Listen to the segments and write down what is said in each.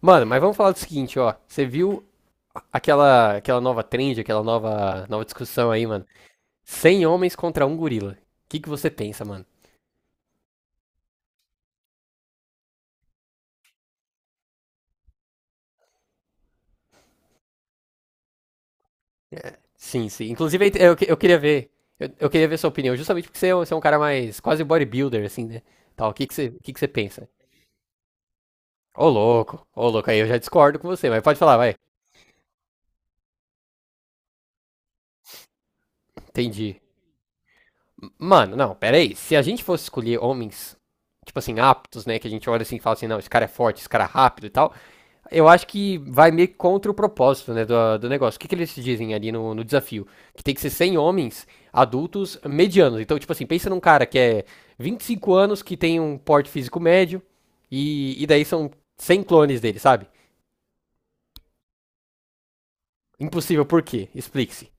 Mano, mas vamos falar do seguinte, ó. Você viu aquela nova trend, aquela nova discussão aí, mano? 100 homens contra um gorila. O que você pensa, mano? Sim, sim. Inclusive, eu queria ver. Eu queria ver sua opinião, justamente porque você é, você é um cara mais quase bodybuilder, assim, né? Tal, o que, que, você, o que você pensa? Ô, louco, aí eu já discordo com você, mas pode falar, vai. Entendi. Mano, não, pera aí. Se a gente fosse escolher homens, tipo assim, aptos, né? Que a gente olha assim e fala assim, não, esse cara é forte, esse cara é rápido e tal. Eu acho que vai meio que contra o propósito, né, do negócio. O que, que eles dizem ali no, no desafio? Que tem que ser 100 homens adultos medianos. Então, tipo assim, pensa num cara que é 25 anos, que tem um porte físico médio, e daí são 100 clones dele, sabe? Impossível, por quê? Explique-se.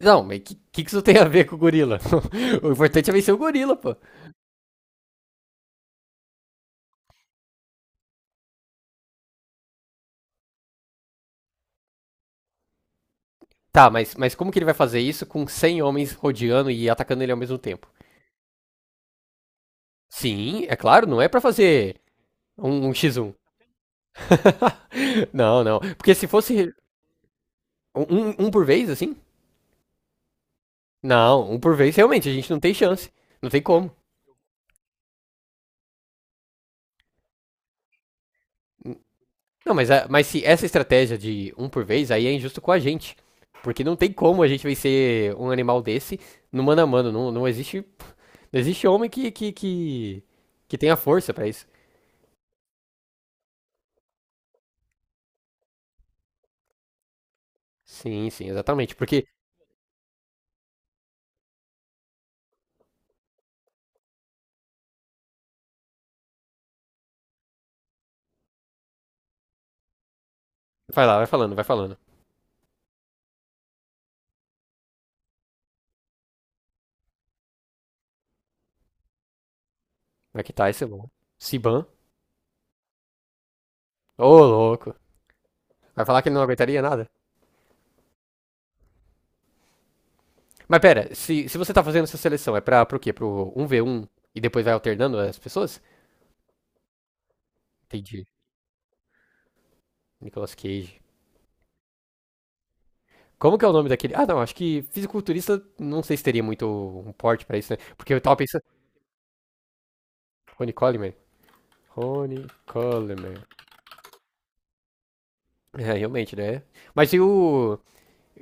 Não, mas o que, que isso tem a ver com o gorila? O importante é vencer o gorila, pô. Tá, mas como que ele vai fazer isso com 100 homens rodeando e atacando ele ao mesmo tempo? Sim, é claro, não é pra fazer um X1. Não, não. Porque se fosse um um por vez, assim? Não, um por vez, realmente, a gente não tem chance. Não tem como. Não, mas, mas se essa estratégia de um por vez, aí é injusto com a gente. Porque não tem como a gente vencer um animal desse no mano a mano. Não, não existe. Não existe homem que tenha força pra isso. Sim, sim, exatamente. Porque. Vai lá, vai falando, vai falando. Vai que tá, esse bom. Siban. Ô, louco. Vai falar que ele não aguentaria nada? Mas pera, se você tá fazendo essa seleção, é pra, pro quê? Pro um v um e depois vai alternando as pessoas? Entendi. Nicolas Cage. Como que é o nome daquele? Ah, não, acho que fisiculturista, não sei se teria muito um porte pra isso, né? Porque eu tava pensando. Ronnie Coleman. Ronnie Coleman. É, realmente, né? Mas e o.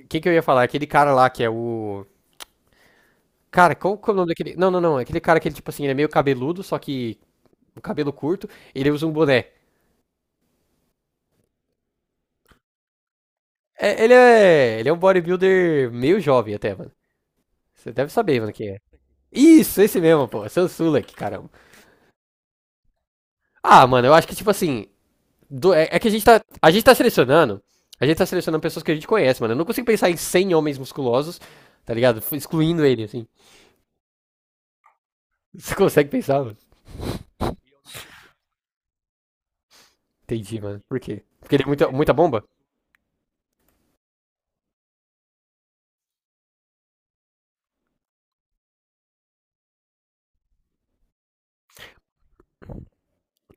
Quem que eu ia falar? Aquele cara lá que é o. Cara, qual que é o nome daquele. Não, não, não. Aquele cara que ele, tipo assim, ele é meio cabeludo, só que. O cabelo curto, ele usa um boné. É, ele é. Ele é um bodybuilder meio jovem até, mano. Você deve saber, mano, quem é. Isso, esse mesmo, pô. Seu Sulek, caramba. Ah, mano, eu acho que, tipo assim. É, é que a gente tá. A gente tá selecionando. A gente tá selecionando pessoas que a gente conhece, mano. Eu não consigo pensar em 100 homens musculosos, tá ligado? Excluindo ele, assim. Você consegue pensar, mano? Entendi, mano. Por quê? Porque ele é muita, muita bomba?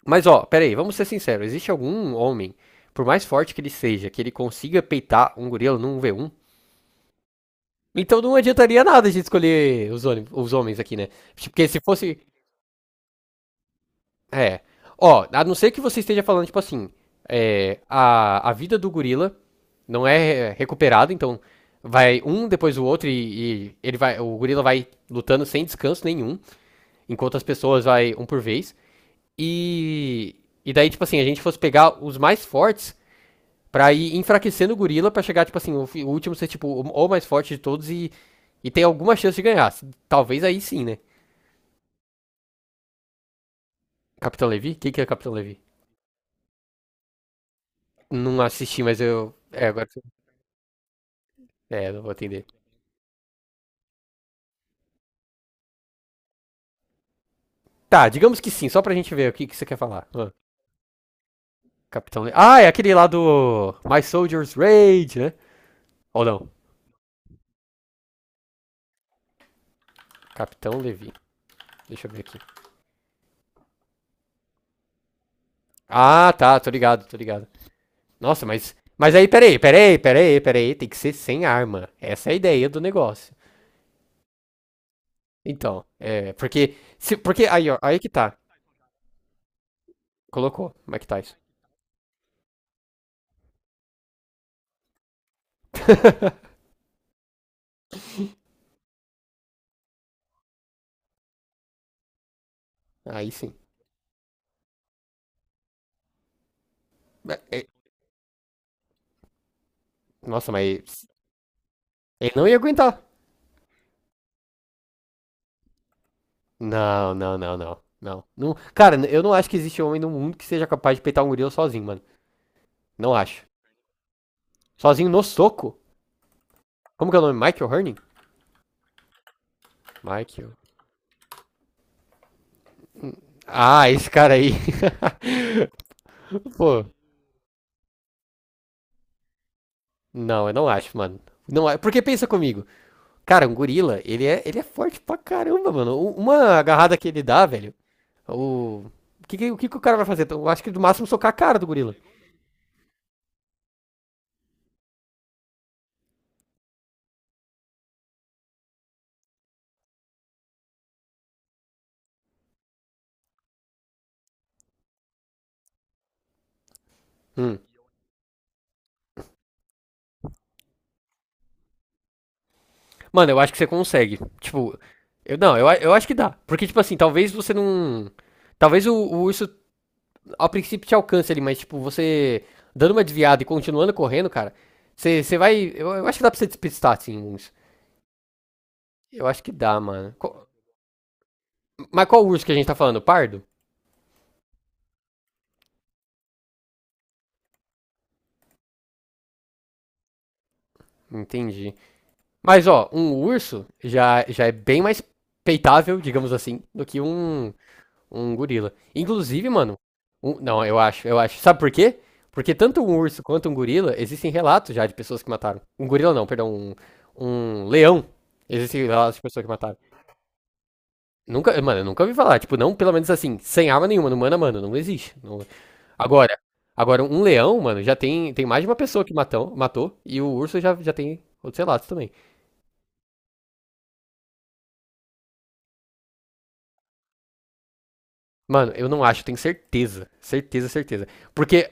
Mas, ó, pera aí, vamos ser sinceros. Existe algum homem, por mais forte que ele seja, que ele consiga peitar um gorila num v um? Então não adiantaria nada a gente escolher os, os homens aqui, né? Porque se fosse. É. Ó, a não ser que você esteja falando, tipo assim, é, a vida do gorila não é recuperada, então vai um depois o outro e ele vai, o gorila vai lutando sem descanso nenhum, enquanto as pessoas vai um por vez. E, e daí, tipo assim, a gente fosse pegar os mais fortes pra ir enfraquecendo o gorila pra chegar, tipo assim, o, o último ser, tipo, o mais forte de todos e ter alguma chance de ganhar. Talvez aí sim, né? Capitão Levi? O que, que é Capitão Levi? Não assisti, mas eu. É, agora. É, não vou atender. Tá, digamos que sim, só pra gente ver o que, que você quer falar. Ah, Capitão Levi. Ah, é aquele lá do My Soldier's Rage, né? Ou não? Capitão Levi. Deixa eu ver aqui. Ah, tá, tô ligado, tô ligado. Nossa, mas. Mas aí, peraí, peraí, peraí, peraí. Tem que ser sem arma. Essa é a ideia do negócio. Então, é. Porque. Se, porque aí, ó, aí que tá. Colocou. Como é que tá isso? Aí sim. É, é, nossa, mas. Ele não ia aguentar. Não, não, não, não, não. Cara, eu não acho que existe homem no mundo que seja capaz de peitar um gorila sozinho, mano. Não acho. Sozinho no soco? Como que é o nome? Michael Herning? Michael. Ah, esse cara aí. Pô, não, eu não acho, mano. Não, porque pensa comigo. Cara, um gorila, ele é forte pra caramba, mano. Uma agarrada que ele dá, velho. O, o que, o que que o cara vai fazer? Eu acho que no máximo socar a cara do gorila. Hum. Mano, eu acho que você consegue. Tipo, eu não, eu, eu acho que dá. Porque, tipo assim, talvez você não. Talvez o isso ao princípio te alcance ali, mas, tipo, você dando uma desviada e continuando correndo, cara, você, você vai. Eu acho que dá pra você despistar, assim, o. Eu acho que dá, mano. Mas qual urso que a gente tá falando? Pardo? Entendi. Mas, ó, um urso já, já é bem mais peitável, digamos assim, do que um. Um gorila. Inclusive, mano, não, eu acho, eu acho. Sabe por quê? Porque tanto um urso quanto um gorila, existem relatos já de pessoas que mataram. Um gorila não, perdão, um leão. Existem relatos de pessoas que mataram. Nunca, mano, eu nunca ouvi falar, tipo, não, pelo menos assim, sem arma nenhuma, no mano a mano, não existe. Não- Agora, agora um leão, mano, já tem, tem mais de uma pessoa que matou, matou e o urso já, já tem outros relatos também. Mano, eu não acho, tenho certeza, certeza, certeza. Porque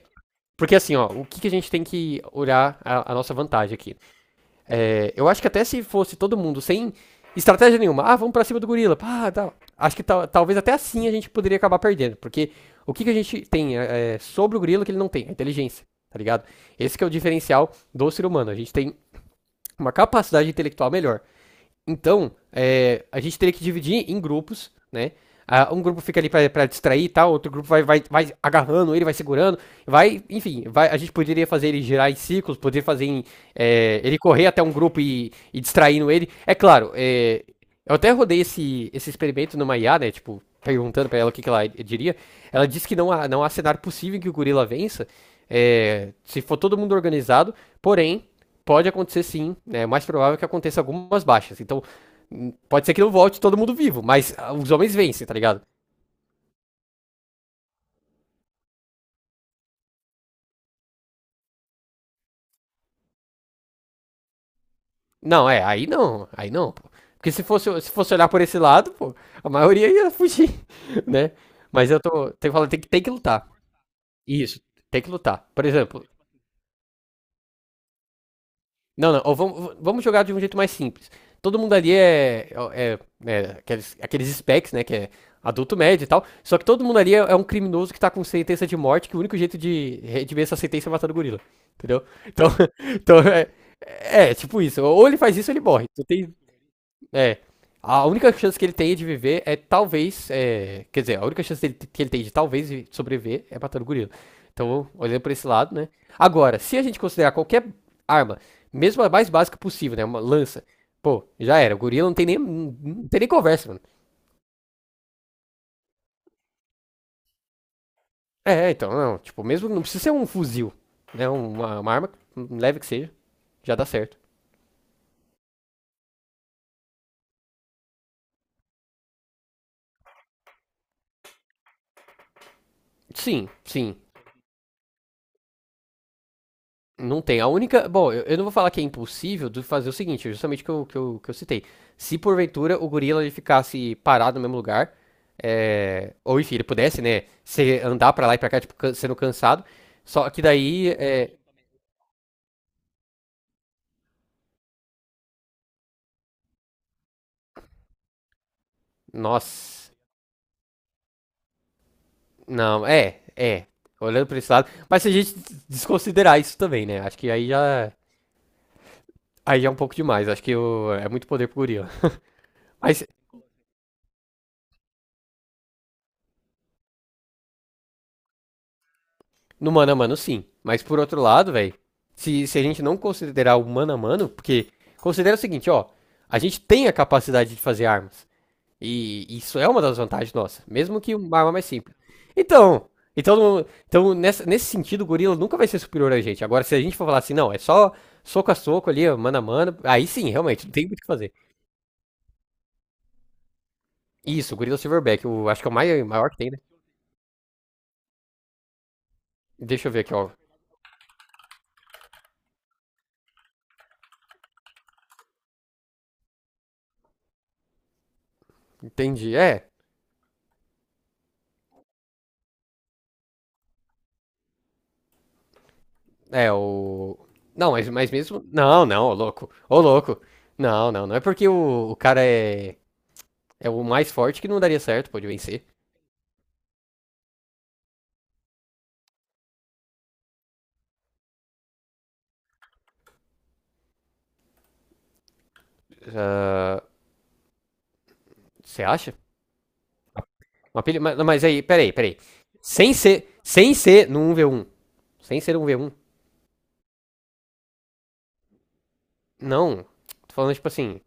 porque assim, ó, o que que a gente tem que olhar a nossa vantagem aqui? É, eu acho que até se fosse todo mundo sem estratégia nenhuma, ah, vamos pra cima do gorila, pá, tal. Acho que talvez até assim a gente poderia acabar perdendo, porque o que, que a gente tem é, é sobre o gorila que ele não tem? A inteligência, tá ligado? Esse que é o diferencial do ser humano, a gente tem uma capacidade intelectual melhor. Então, é, a gente teria que dividir em grupos, né? Ah, um grupo fica ali para distrair e tal, outro grupo vai, vai, vai agarrando ele, vai segurando, vai, enfim, vai, a gente poderia fazer ele girar em ciclos, poderia fazer em, é, ele correr até um grupo e distraindo ele. É claro, é, eu até rodei esse, esse experimento numa IA, né? Tipo, perguntando pra ela o que, que ela diria. Ela disse que não há, não há cenário possível em que o gorila vença, é, se for todo mundo organizado, porém, pode acontecer sim, né? É mais provável que aconteça algumas baixas. Então, pode ser que não volte todo mundo vivo, mas ah, os homens vencem, tá ligado? Não, é, aí não, pô. Porque se fosse, se fosse olhar por esse lado, pô, a maioria ia fugir, né? Mas eu tô, tem que falar, tem que lutar. Isso, tem que lutar. Por exemplo, não, não. Ou vamos, vamos jogar de um jeito mais simples. Todo mundo ali é, é, é aqueles, aqueles specs, né? Que é adulto médio e tal. Só que todo mundo ali é, é um criminoso que tá com sentença de morte, que o único jeito de redimir essa sentença é matando o gorila. Entendeu? Então, então é, é, tipo isso. Ou ele faz isso ou ele morre. Não tem, é. A única chance que ele tem de viver é talvez. É, quer dizer, a única chance que ele tem de talvez sobreviver é matando o gorila. Então, olhando pra esse lado, né? Agora, se a gente considerar qualquer arma, mesmo a mais básica possível, né? Uma lança, pô, já era. O gorila não tem nem, não tem nem conversa, mano. É, é, então, não. Tipo, mesmo não precisa ser um fuzil, né? Uma arma leve que seja, já dá certo. Sim, sim. Não tem. A única. Bom, eu não vou falar que é impossível de fazer o seguinte, justamente que eu, que eu, que eu citei. Se porventura o gorila ele ficasse parado no mesmo lugar, é, ou enfim, ele pudesse, né, se andar pra lá e pra cá, tipo, sendo cansado. Só que daí, é, nossa, não, é, é, olhando pra esse lado. Mas se a gente desconsiderar isso também, né, acho que aí já é um pouco demais. Acho que é muito poder pro gorila. Mas. No mano a mano, sim. Mas por outro lado, velho, se a gente não considerar o mano a mano, porque considera o seguinte, ó, a gente tem a capacidade de fazer armas. E isso é uma das vantagens nossas, mesmo que uma arma mais simples. Então, então, então nesse sentido, o gorila nunca vai ser superior a gente. Agora, se a gente for falar assim, não, é só soco a soco ali, ó, mano a mano, aí sim, realmente, não tem muito o que fazer. Isso, o gorila silverback, eu acho que é o maior que tem, né? Deixa eu ver aqui, ó. Entendi. É. É, o. Não, mas mesmo. Não, não, ô louco. Ô louco. Não, não, não é porque o cara é, é o mais forte que não daria certo, pode vencer. Ah, você acha? Uma pilha... mas aí, peraí, peraí. Sem ser. Sem ser no um v um. Sem ser um v um. Não. Tô falando, tipo assim.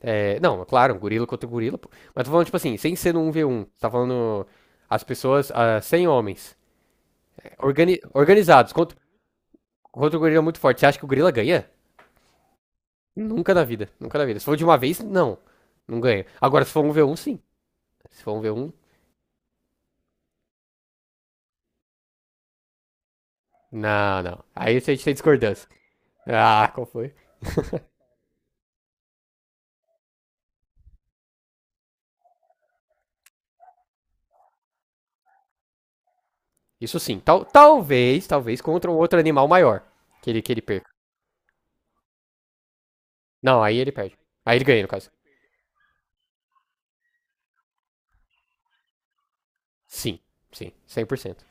É... Não, é claro, um gorila contra um gorila, pô. Mas tô falando, tipo assim, sem ser no 1 v um tá falando. As pessoas. Ah, 100 homens. Organi... Organizados. Contra... contra o gorila muito forte. Você acha que o gorila ganha? Nunca na vida, nunca na vida. Se for de uma vez, não. Não ganha. Agora, se for um v um sim. Se for um v um não, não. Aí a gente tem discordância. Ah, qual foi? Isso sim. Tal, talvez, talvez contra um outro animal maior que ele perca. Não, aí ele perde. Aí ele ganha, no caso. Sim, sim, 100%